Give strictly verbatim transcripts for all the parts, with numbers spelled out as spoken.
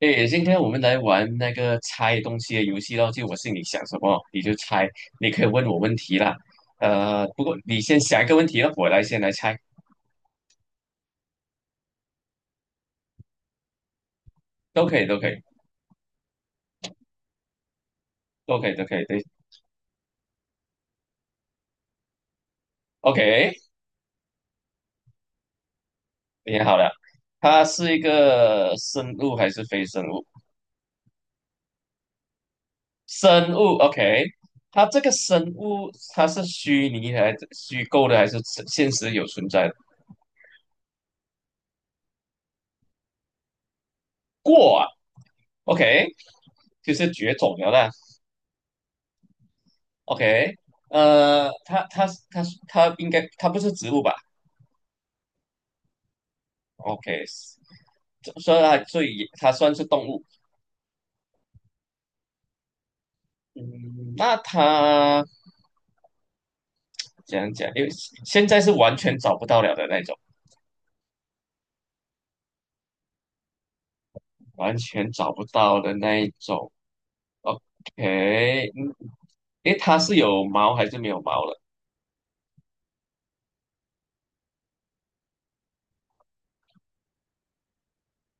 诶，今天我们来玩那个猜东西的游戏咯，就我心里想什么你就猜，你可以问我问题啦。呃，不过你先想一个问题了我来先来猜，都可以，都可以，都可以，都可以，对，OK，你好了，它是一个生物还是非生物？生物，OK，它这个生物它是虚拟还是虚构的，还是真现实有存在的过啊，OK，就是绝种了啦。OK，呃，它它它它应该它不是植物吧？OK，这所以它所以它算是动物。嗯，那它讲讲？因为现在是完全找不到了的那种，完全找不到的那一种。OK，嗯，诶，它是有毛还是没有毛了？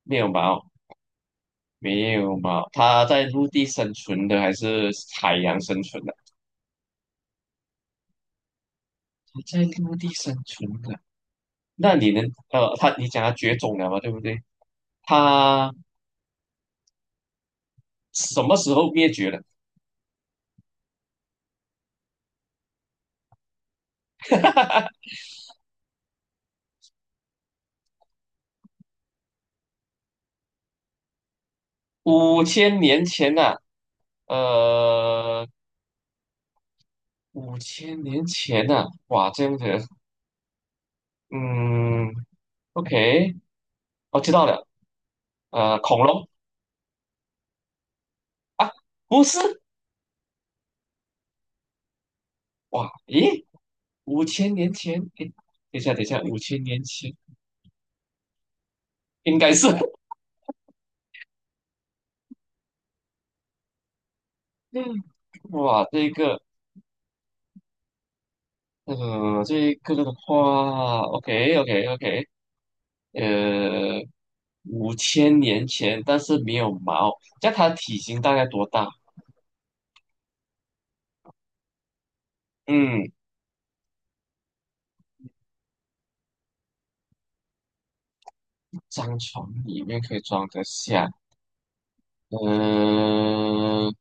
没有毛，没有毛。它在陆地生存的还是海洋生存的？它在陆地生存的。那你能呃，它你讲它绝种了嘛？对不对？它什么时候灭绝的？五千年前呐、呃，五千年前呐、哇，这样子，嗯，OK，我知道了，呃，恐龙啊，不是，哇，咦，五千年前，诶，等一下，等一下，五千年前应该是，嗯，哇，这个，呃，这个的话，OK，OK，OK，呃，五千年前，但是没有毛，那它体型大概多大？嗯，张床里面可以装得下，嗯、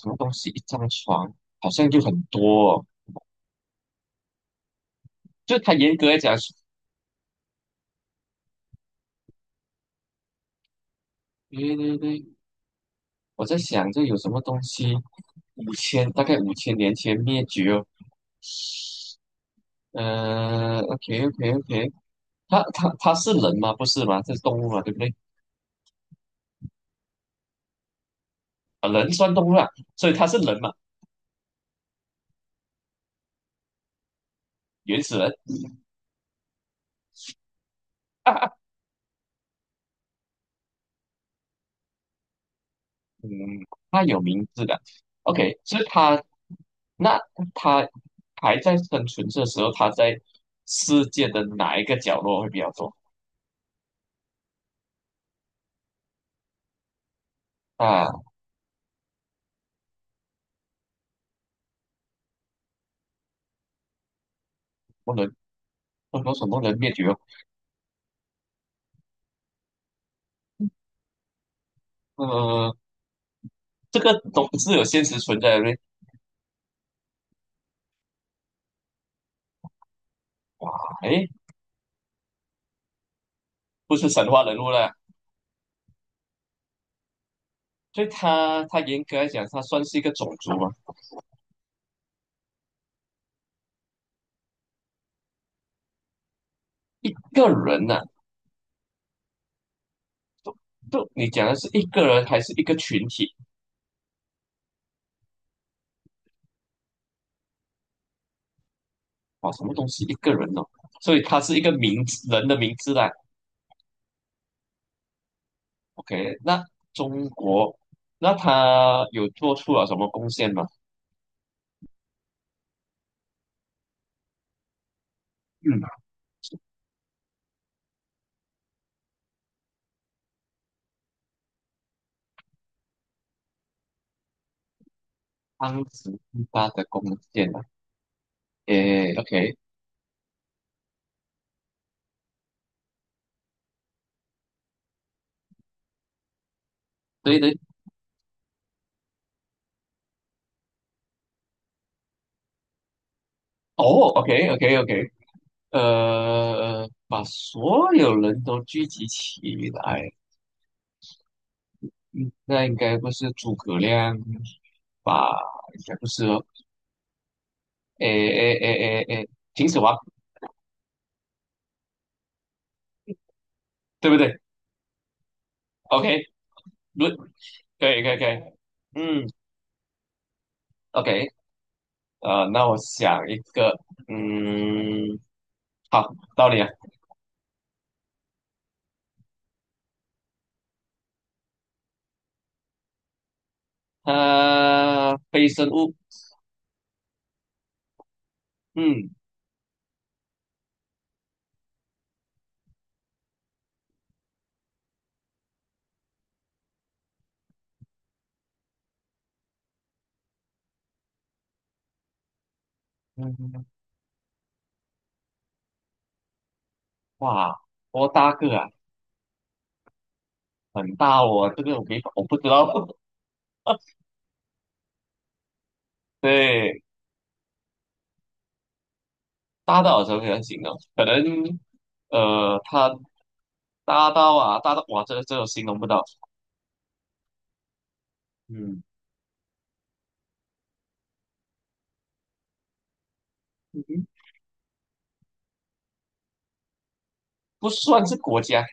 什么东西？一张床好像就很多哦就它严格来讲是，对对对，我在想这有什么东西，五千大概五千年前灭绝哦嗯、o k OK OK，他他他是人吗？不是吗？这是动物嘛，对不对？啊，人算动物啊，所以他是人嘛，原始人啊。嗯，他有名字的。OK，所以他那他还在生存的时候，他在世界的哪一个角落会比较多？啊，不能，不能什么人灭绝哦？呃，这个都是有现实存在的嘞。哎，不是神话人物了，所以他他严格来讲，他算是一个种族嘛。一个人呢、就你讲的是一个人还是一个群体？啊？什么东西一个人哦？所以他是一个名字，人的名字啦。OK，那中国，那他有做出了什么贡献吗？嗯，当时最大的贡献啊，诶，OK，对对，哦，OK，OK，OK，呃，把所有人都聚集起来，嗯，那应该不是诸葛亮吧？应该不是哦，诶诶诶诶诶，秦始皇，对不对？OK，论，可以可以可以，嗯，OK，呃，那我想一个，嗯。好，道理啊。呃，非生物，嗯嗯，哇，多大个啊？很大哦，这个我没法，我不知道。对，大到什么样形容？可能，呃，它大到啊，大到哇，这个这个形容不到。嗯，嗯不算是国家，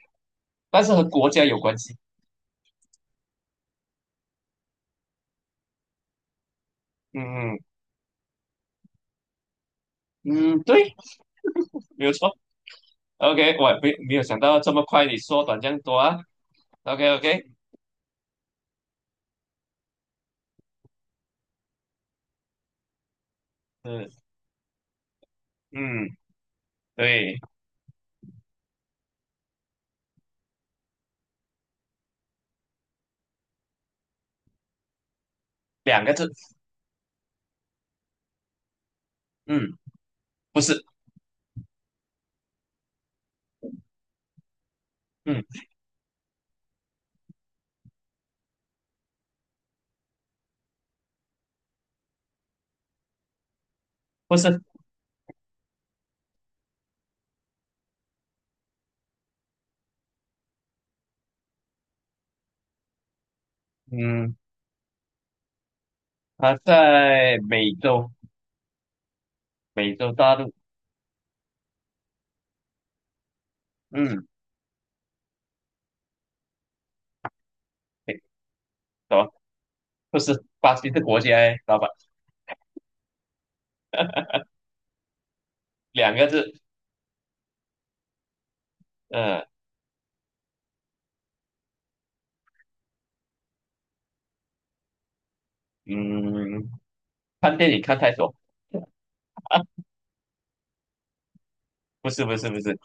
但是和国家有关系。嗯嗯嗯，对，没有错。OK，我也没没有想到这么快你缩短这样多啊。OK OK，嗯嗯，对，两个字，嗯，不是，嗯。不是，嗯，他在美洲，美洲大陆，嗯，诶什么？不是，巴西是国家诶，老板，两个字，呃，嗯，看电影看太多，不是，不是，不是，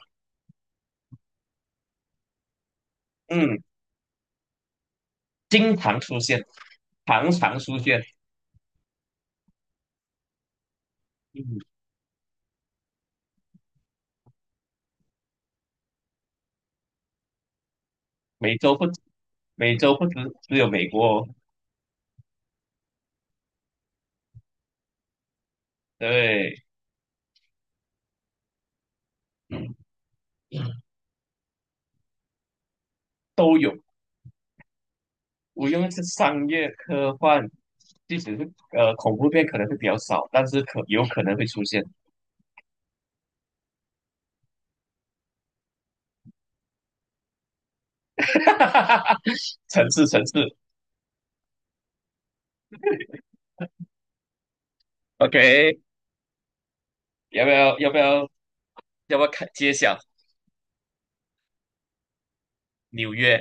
嗯，经常出现，常常出现，嗯，美洲不，美洲不只只有美国哦，对，嗯都有，我用的是商业科幻，即使是呃恐怖片可能会比较少，但是可有可能会出现。哈哈哈哈城市，城市 o k 要不要要不要要不要看揭晓纽约？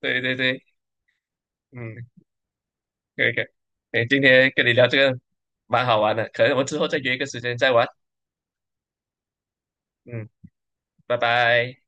对对对，嗯，可以可以，哎，今天跟你聊这个蛮好玩的，可能我们之后再约一个时间再玩，嗯，拜拜。